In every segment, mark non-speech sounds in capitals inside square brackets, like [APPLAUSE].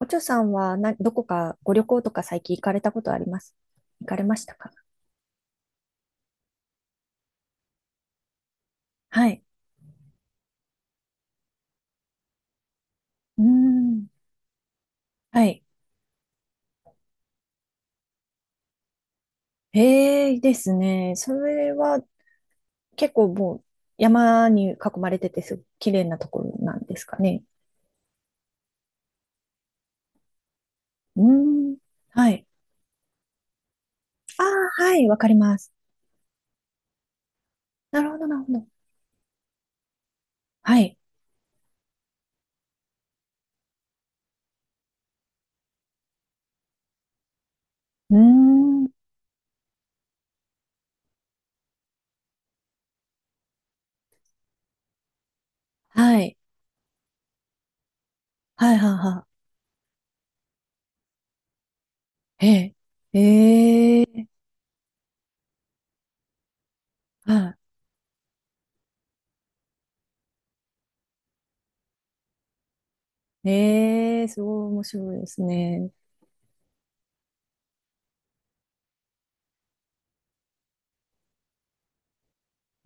おちょさんはな、どこかご旅行とか最近行かれたことあります行かれましたか？はい。うーん。はい。へえ、ですね。それは結構もう山に囲まれててすごく綺麗なところなんですかね。うーん。はい。ああ、はい、わかります。なるほど、なるほど。はい。うーん。はい。はい、はい、はい。へえ。へえ。はい。へえ、すごい面白いですね。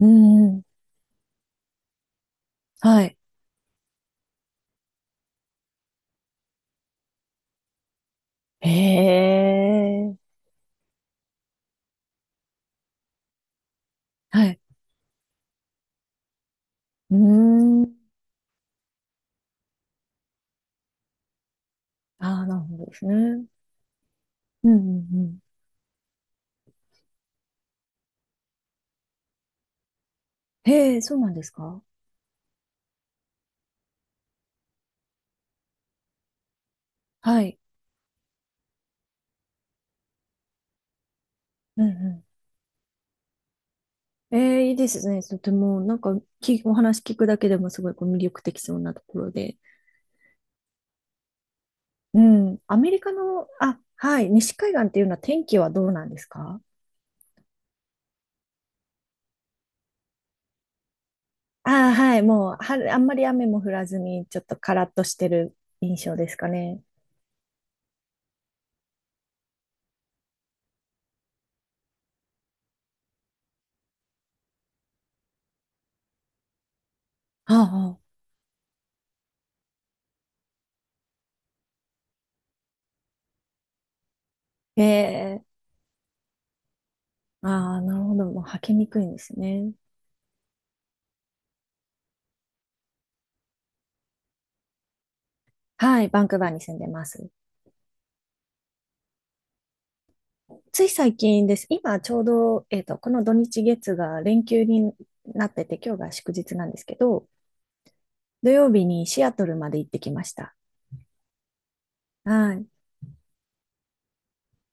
うんうん。はい。へえ。はい。うーん。ああ、なるほどですね。うんうんうん。へえ、そうなんですか？はい。うんうん。ええ、いいですね。とても、なんか、お話聞くだけでもすごいこう魅力的そうなところで。うん。アメリカの、あ、はい、西海岸っていうのは天気はどうなんですか？ああー、はい、もう、あんまり雨も降らずに、ちょっとカラッとしてる印象ですかね。ああ、ああええ、ああ、なるほど。もう、履きにくいんですね。はい、バンクーバーに住んでます。つい最近です。今ちょうど、この土日月が連休になってて、今日が祝日なんですけど、土曜日にシアトルまで行ってきました。はい。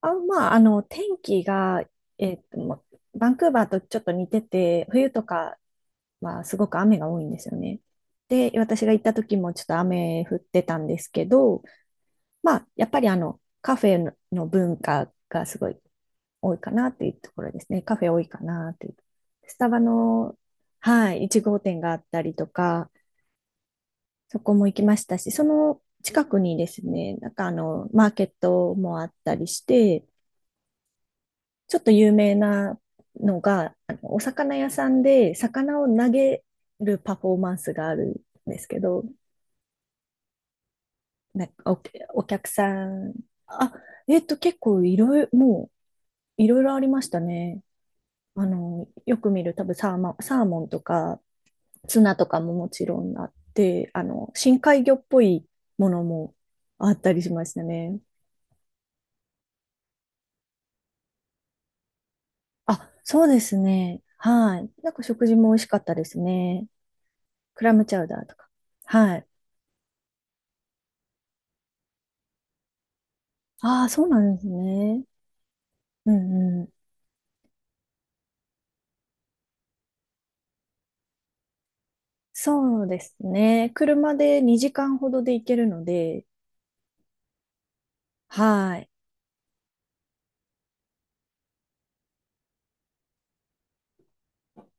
あ、まあ、あの、天気が、えっと、まバンクーバーとちょっと似てて、冬とかはすごく雨が多いんですよね。で、私が行った時もちょっと雨降ってたんですけど、まあ、やっぱりカフェの文化がすごい多いかなというところですね。カフェ多いかなという。スタバの、はい、1号店があったりとか、そこも行きましたし、その近くにですね、なんかマーケットもあったりして、ちょっと有名なのが、あのお魚屋さんで魚を投げるパフォーマンスがあるんですけど、なんかお客さん、あ、結構いろいろ、もういろいろありましたね。あの、よく見る多分サーモンとか、ツナとかももちろんあって、あの、深海魚っぽいものもあったりしましたね。あ、そうですね。はい。なんか食事も美味しかったですね。クラムチャウダーとか。はい。ああ、そうなんですね。うんうん。そうですね。車で2時間ほどで行けるので、はい。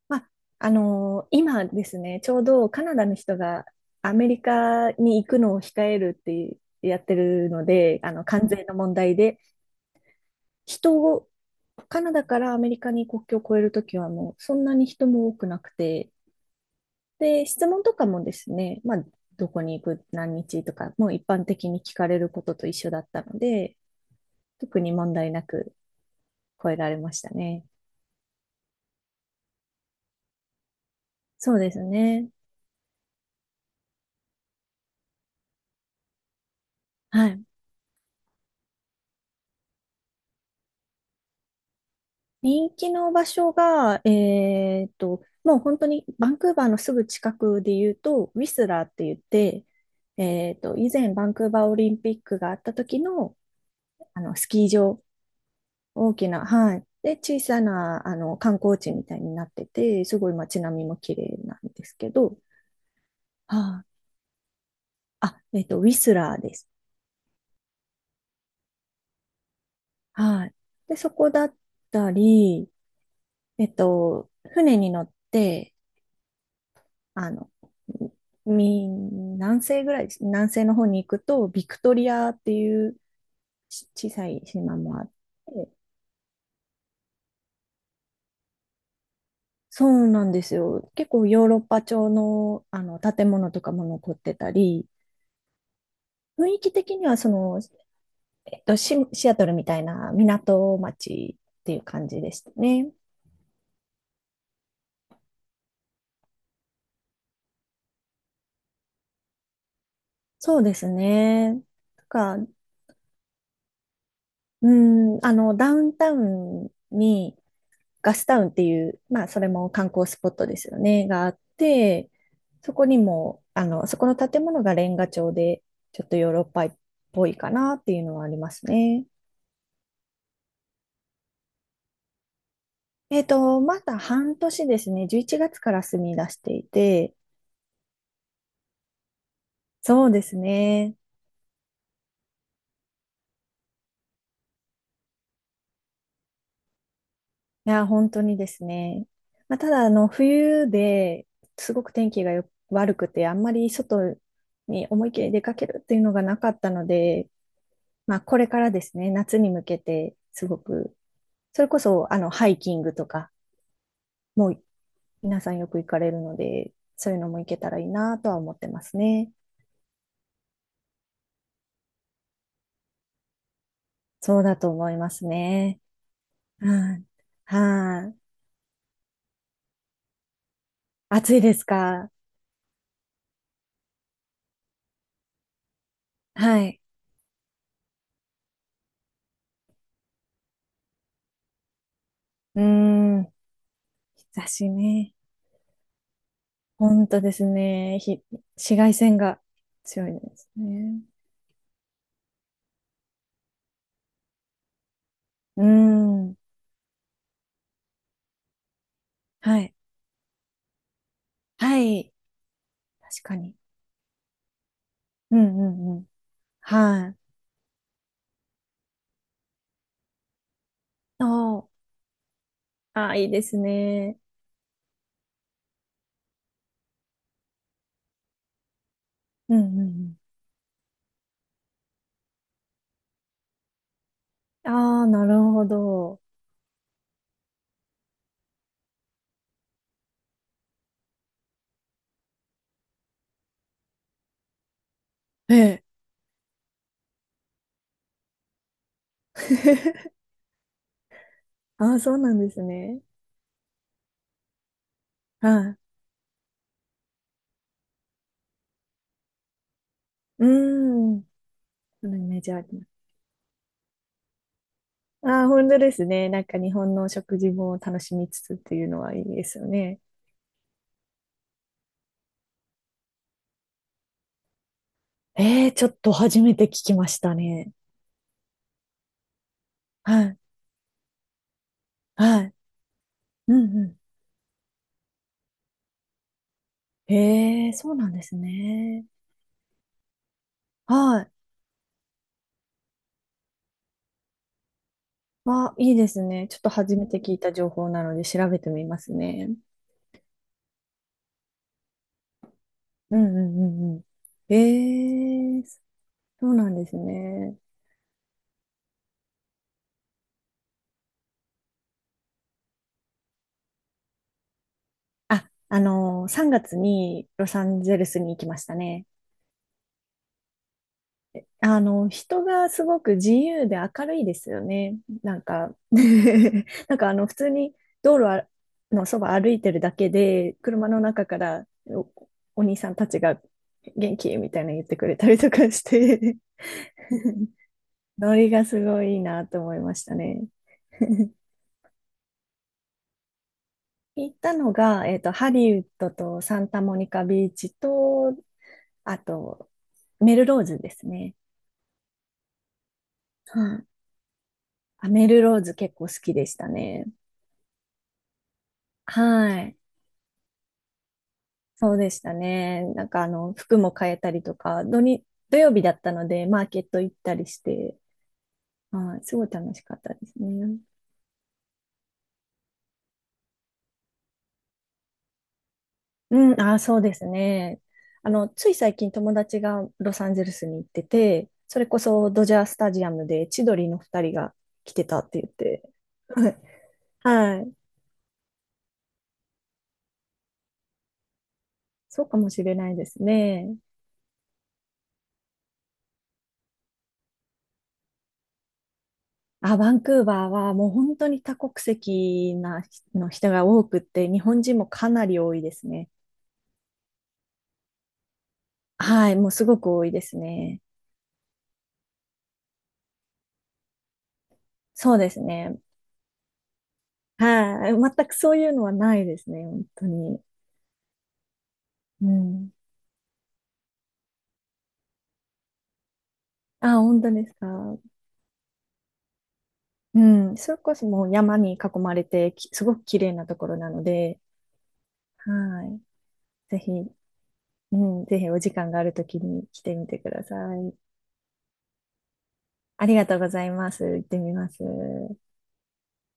まあ、今ですね、ちょうどカナダの人がアメリカに行くのを控えるってやってるので、あの、関税の問題で、人を、カナダからアメリカに国境を越えるときはもうそんなに人も多くなくて、で、質問とかもですね、まあ、どこに行く、何日とか、もう一般的に聞かれることと一緒だったので、特に問題なく越えられましたね。そうですね。はい。人気の場所が、もう本当にバンクーバーのすぐ近くで言うと、ウィスラーって言って、以前バンクーバーオリンピックがあった時の、あの、スキー場大きな、はい。で、小さな、あの、観光地みたいになってて、すごい街並みも綺麗なんですけど、はい。あ、ウィスラーです。はい。で、そこだったり、船に乗って、あの、南西ぐらい、南西の方に行くと、ビクトリアっていう小さい島もあって、そうなんですよ。結構ヨーロッパ調の、あの建物とかも残ってたり、雰囲気的にはシアトルみたいな港町っていう感じでしたね。そうですね。なんか、うん、あの、ダウンタウンにガスタウンっていう、まあ、それも観光スポットですよね、があって、そこにも、あの、そこの建物がレンガ調で、ちょっとヨーロッパっぽいかなっていうのはありますね。まだ半年ですね、11月から住み出していて、そうですね。いや、本当にですね。まあ、ただ、あの、冬ですごく天気が悪くて、あんまり外に思い切り出かけるっていうのがなかったので、まあ、これからですね、夏に向けて、すごく、それこそ、あの、ハイキングとか、もう皆さんよく行かれるので、そういうのも行けたらいいなとは思ってますね。そうだと思いますね。はい。はい。暑いですか？はい。うーん。日差しね。本当ですね。紫外線が強いですね。うーん。はい。はい。確かに。うんうんうん。はい。あーあー、いいですね。うんうんうん。ああ、なるほど。ええ。[LAUGHS] ああ、そうなんですね。はい。うん。そのイメージあります。ああ、本当ですね。なんか日本の食事も楽しみつつっていうのはいいですよね。ええ、ちょっと初めて聞きましたね。はい。はい。うんうん。へえ、そうなんですね。はい。あ、いいですね。ちょっと初めて聞いた情報なので調べてみますね。うんうんうんうん。ええ、そうなんですね。あ、3月にロサンゼルスに行きましたね。人がすごく自由で明るいですよね。なんか [LAUGHS] なんか普通に道路そば歩いてるだけで、車の中からお兄さんたちが元気みたいなの言ってくれたりとかして [LAUGHS] ノリがすごいいいなと思いましたね。[LAUGHS] 行ったのが、ハリウッドとサンタモニカビーチと、あと、メルローズですね。はい。あ、メルローズ結構好きでしたね。はい。そうでしたね。なんか服も変えたりとか、土曜日だったので、マーケット行ったりして、はい、すごい楽しかったですね。うん、あー、そうですね。つい最近友達がロサンゼルスに行ってて、それこそドジャースタジアムで千鳥の二人が来てたって言って、[LAUGHS] はい、はい。そうかもしれないですね。あ、バンクーバーはもう本当に多国籍なの人が多くって、日本人もかなり多いですね。はい、もうすごく多いですね。そうですね。はい、全くそういうのはないですね、本当に。うん。あ、本当ですか？うん、それこそもう山に囲まれて、すごく綺麗なところなので、はい、ぜひ、うん、ぜひお時間があるときに来てみてください。ありがとうございます。行ってみます。